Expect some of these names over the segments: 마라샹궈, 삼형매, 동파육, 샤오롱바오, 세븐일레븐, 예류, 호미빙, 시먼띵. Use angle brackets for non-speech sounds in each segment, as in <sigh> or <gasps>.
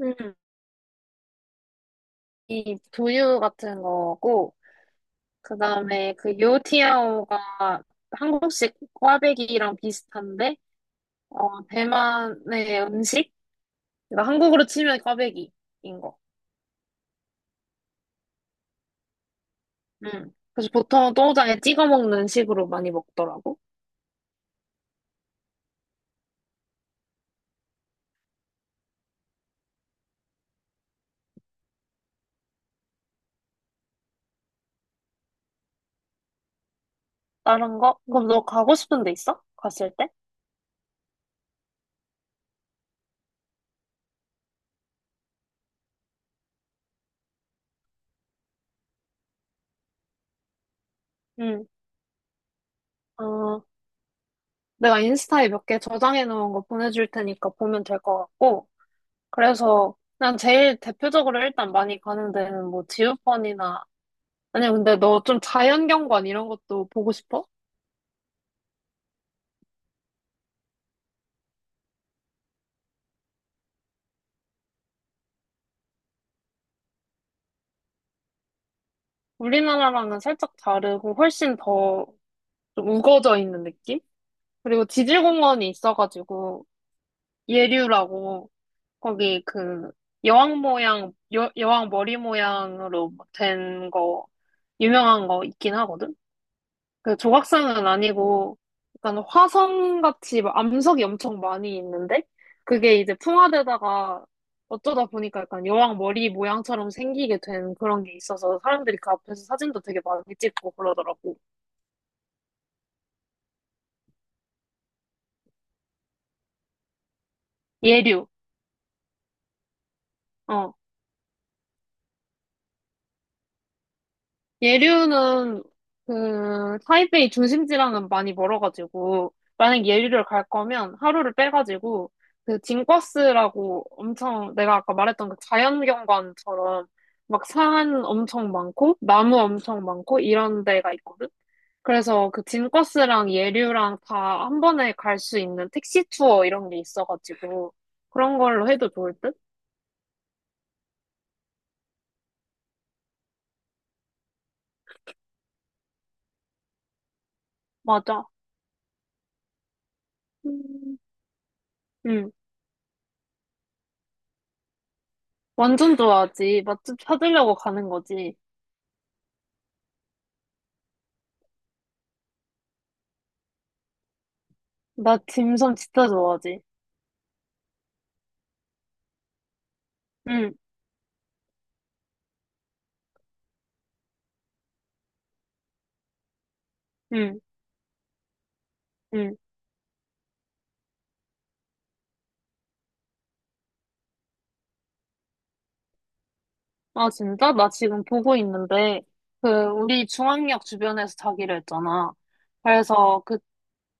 음, 이 두유 같은 거고, 그 다음에 그 요티아오가 한국식 꽈배기랑 비슷한데, 대만의 음식? 그러니까 한국으로 치면 꽈배기인 거. 음. 그래서 보통도 똥장에 찍어 먹는 식으로 많이 먹더라고. 다른 거? 그럼 너 가고 싶은 데 있어? 갔을 때? 응. 어, 내가 인스타에 몇 개 저장해 놓은 거 보내줄 테니까 보면 될 것 같고, 그래서 그냥 제일 대표적으로 일단 많이 가는 데는 뭐 지우펀이나 아니, 근데 너 좀 자연경관 이런 것도 보고 싶어? 우리나라랑은 살짝 다르고 훨씬 더 좀 우거져 있는 느낌? 그리고 지질공원이 있어가지고 예류라고 거기 그 여왕 모양, 여왕 머리 모양으로 된 거, 유명한 거 있긴 하거든? 그 조각상은 아니고 약간 화성같이 막 암석이 엄청 많이 있는데 그게 이제 풍화되다가 어쩌다 보니까 약간 여왕 머리 모양처럼 생기게 된 그런 게 있어서 사람들이 그 앞에서 사진도 되게 많이 찍고 그러더라고. 예류. 어. 예류는 그 타이베이 중심지랑은 많이 멀어가지고 만약 예류를 갈 거면 하루를 빼가지고 그 징과스라고 엄청 내가 아까 말했던 그 자연경관처럼 막 산 엄청 많고 나무 엄청 많고 이런 데가 있거든. 그래서 그 징과스랑 예류랑 다 한 번에 갈 수 있는 택시 투어 이런 게 있어가지고 그런 걸로 해도 좋을 듯? 맞아. 음, 음. 완전 좋아하지. 맛집 찾으려고 가는 거지. 나 딤섬 진짜 좋아하지. 응, 응, 응. 아, 진짜? 나 지금 보고 있는데, 그, 우리 중앙역 주변에서 자기로 했잖아. 그래서 그,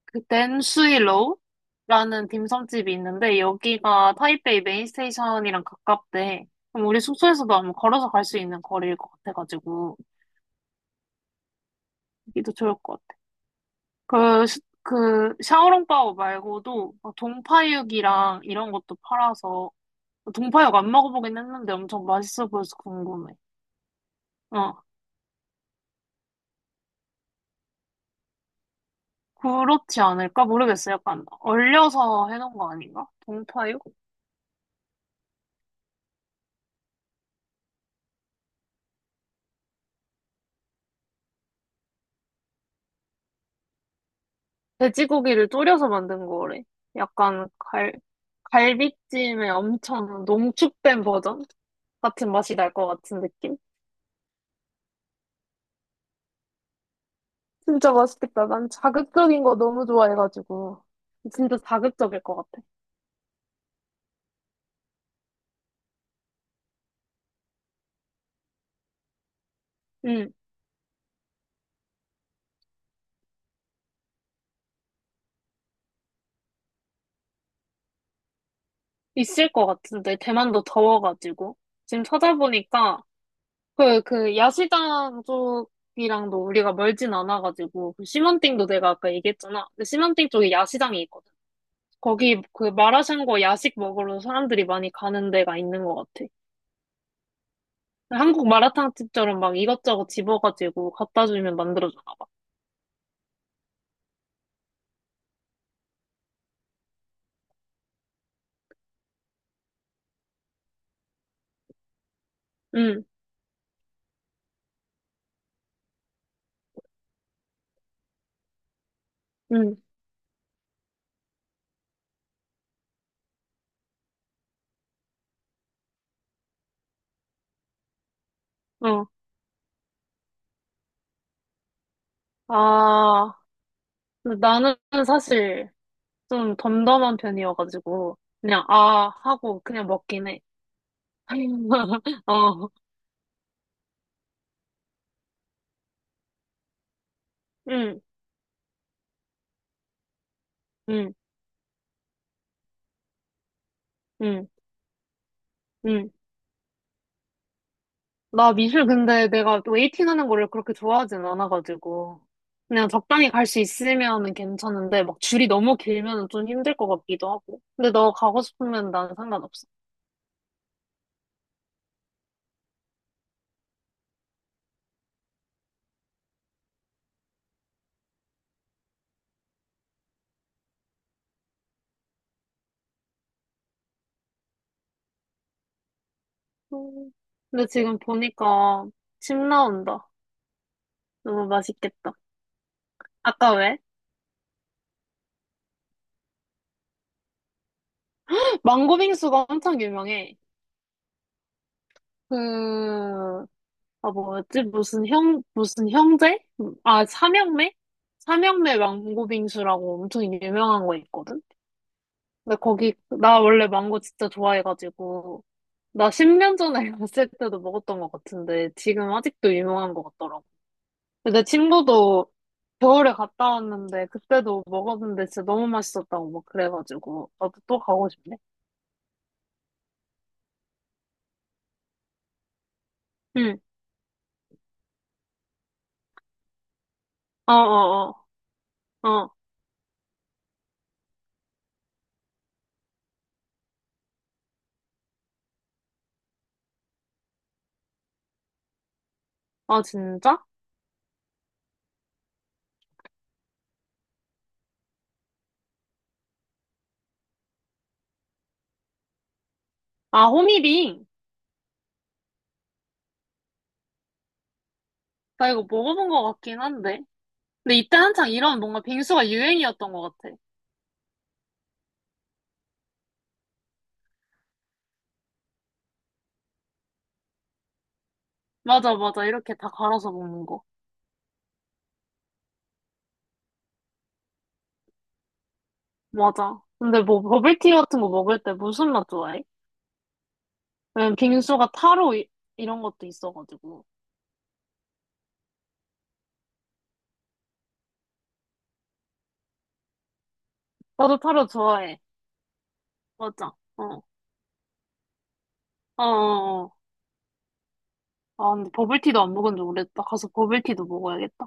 그, 댄수이로우라는 딤섬집이 있는데, 여기가 타이베이 메인스테이션이랑 가깝대. 그럼 우리 숙소에서도 아마 걸어서 갈 수 있는 거리일 것 같아가지고, 여기도 좋을 것 같아. 그, 샤오롱바오 말고도, 막 동파육이랑 이런 것도 팔아서, 동파육 안 먹어보긴 했는데 엄청 맛있어 보여서 궁금해. 어, 그렇지 않을까? 모르겠어. 약간 얼려서 해놓은 거 아닌가? 동파육? 돼지고기를 졸여서 만든 거래. 약간 갈비찜의 엄청 농축된 버전? 같은 맛이 날 것 같은 느낌? 진짜 맛있겠다. 난 자극적인 거 너무 좋아해가지고. 진짜 자극적일 것 같아. 응, 있을 것 같은데. 대만도 더워가지고. 지금 찾아보니까 그, 야시장 쪽이랑도 우리가 멀진 않아가지고, 그 시먼띵도 내가 아까 얘기했잖아. 근데 시먼띵 쪽에 야시장이 있거든. 거기 그 마라샹궈 야식 먹으러 사람들이 많이 가는 데가 있는 것 같아. 한국 마라탕 집처럼 막 이것저것 집어가지고 갖다 주면 만들어주나 봐. 응, 응, 어. 아, 근데 나는 사실 좀 덤덤한 편이어가지고, 그냥 아 하고 그냥 먹긴 해. <laughs> 어, 응, 응, 응, 응. 나 미술 근데 내가 웨이팅 하는 거를 그렇게 좋아하진 않아가지고. 그냥 적당히 갈 수 있으면은 괜찮은데, 막 줄이 너무 길면은 좀 힘들 것 같기도 하고. 근데 너 가고 싶으면 난 상관없어. 음, 근데 지금 보니까 침 나온다. 너무 맛있겠다. 아까 왜? <laughs> 망고 빙수가 엄청 유명해. 그, 아, 뭐였지? 무슨 형, 무슨 형제? 아, 삼형매? 삼형매 망고 빙수라고 엄청 유명한 거 있거든? 근데 거기, 나 원래 망고 진짜 좋아해가지고, 나 10년 전에 <laughs> 갔을 때도 먹었던 것 같은데, 지금 아직도 유명한 것 같더라고. 근데 내 친구도 겨울에 갔다 왔는데, 그때도 먹었는데 진짜 너무 맛있었다고 막 그래가지고, 나도 또 가고 싶네. 응, 어어어, 어, 어, 어. 아, 진짜? 아, 호미빙. 나 이거 먹어본 것 같긴 한데. 근데 이때 한창 이런 뭔가 빙수가 유행이었던 것 같아. 맞아, 맞아. 이렇게 다 갈아서 먹는 거. 맞아. 근데 뭐 버블티 같은 거 먹을 때 무슨 맛 좋아해? 왜냐면 빙수가 타로 이, 런 것도 있어가지고. 나도 타로 좋아해. 맞아. 어. 어, 어, 어. 아, 근데 버블티도 안 먹은 지 오래됐다. 가서 버블티도 먹어야겠다.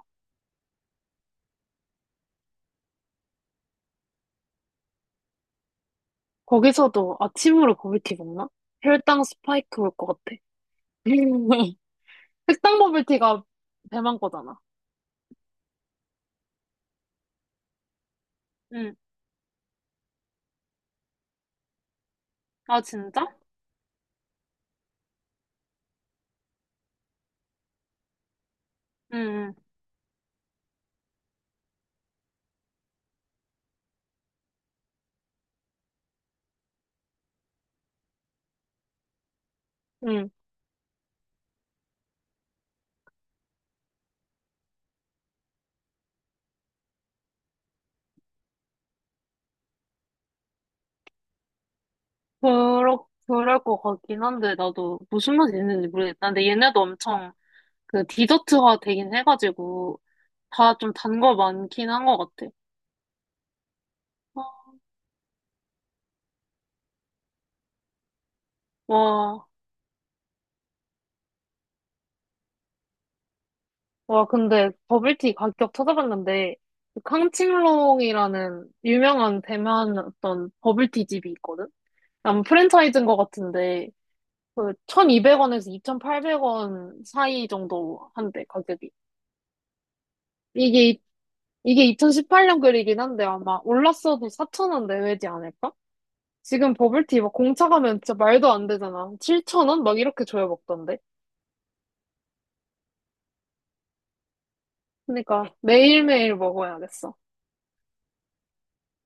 거기서도 아침으로 버블티 먹나? 혈당 스파이크 올 것 같아. <laughs> 흑당 버블티가 배만 거잖아. 응. 아, 진짜? 응, 응. 응. 그럴, 그럴 것 같긴 한데, 나도 무슨 맛이 있는지 모르겠다. 근데 얘네도 엄청 그 디저트화 되긴 해가지고, 다 좀 단 거 많긴 한 것 같아. 아, 와, 와, 근데 버블티 가격 찾아봤는데, 그 캉칭롱이라는 유명한 대만 어떤 버블티 집이 있거든? 아마 프랜차이즈인 것 같은데, 그 1,200원에서 2,800원 사이 정도 한대, 가격이. 이게, 이게 2018년 글이긴 한데, 아마 올랐어도 4,000원 내외지 않을까? 지금 버블티 막 공차 가면 진짜 말도 안 되잖아. 7,000원? 막 이렇게 줘야 먹던데? 그러니까 매일매일 먹어야겠어.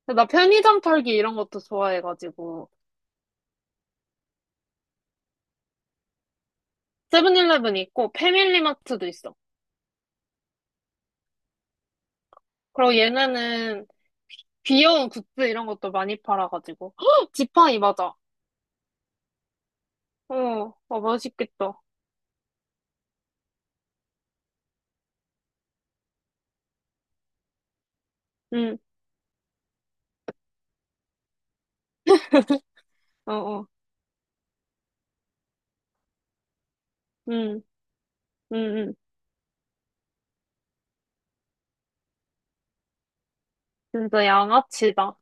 나 편의점 털기 이런 것도 좋아해가지고 세븐일레븐 있고 패밀리마트도 있어. 그리고 얘네는 귀여운 굿즈 이런 것도 많이 팔아가지고 <gasps> 헉! 지팡이 맞아. 어, 어 맛있겠다. 응, 어, 어, 응, 응, 응. 진짜 양아치다.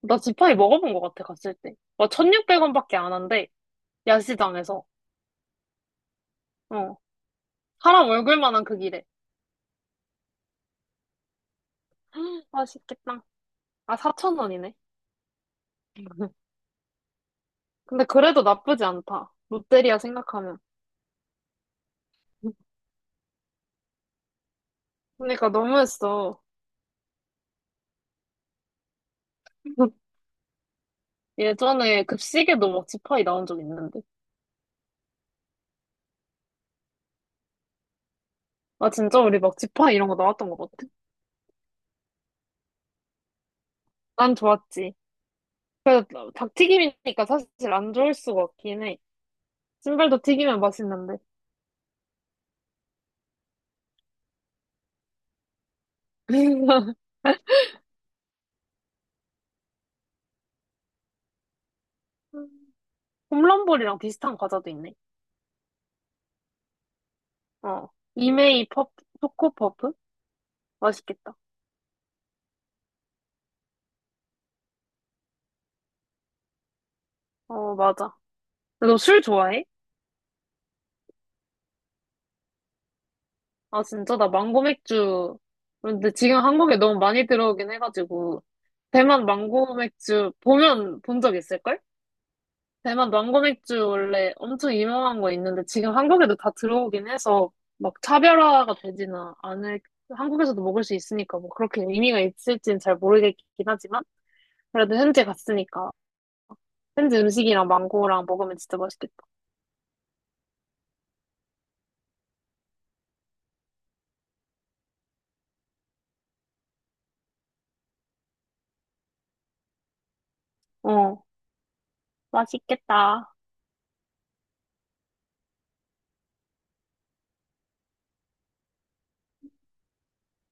나 지팡이 먹어본 것 같아 갔을 때. 막 1,600원밖에 안 한대 야시장에서. 어, 사람 얼굴만한 그 길에. <gasps> 헉, 맛있겠다. 아 4,000원이네. <laughs> 근데 그래도 나쁘지 않다. 롯데리아 생각하면. 그러니까 너무했어. <laughs> 예전에 급식에도 먹지파이 나온 적 있는데. 아, 진짜 우리 먹지파이 이런 거 나왔던 것 같아. 난 좋았지. 어, 닭튀김이니까 사실 안 좋을 수가 없긴 해. 신발도 튀기면 맛있는데. <laughs> 홈런볼이랑 비슷한 과자도 있네. 어. 이메이 퍼프, 초코퍼프? 맛있겠다. 어, 맞아. 너 술 좋아해? 아, 진짜? 나 망고 맥주. 근데 지금 한국에 너무 많이 들어오긴 해가지고. 대만 망고 맥주 보면 본 적 있을걸? 대만 망고 맥주 원래 엄청 유명한 거 있는데 지금 한국에도 다 들어오긴 해서 막 차별화가 되지는 않을 한국에서도 먹을 수 있으니까 뭐 그렇게 의미가 있을지는 잘 모르겠긴 하지만 그래도 현지 갔으니까 현지 음식이랑 망고랑 먹으면 진짜 맛있겠다. 어, 맛있겠다.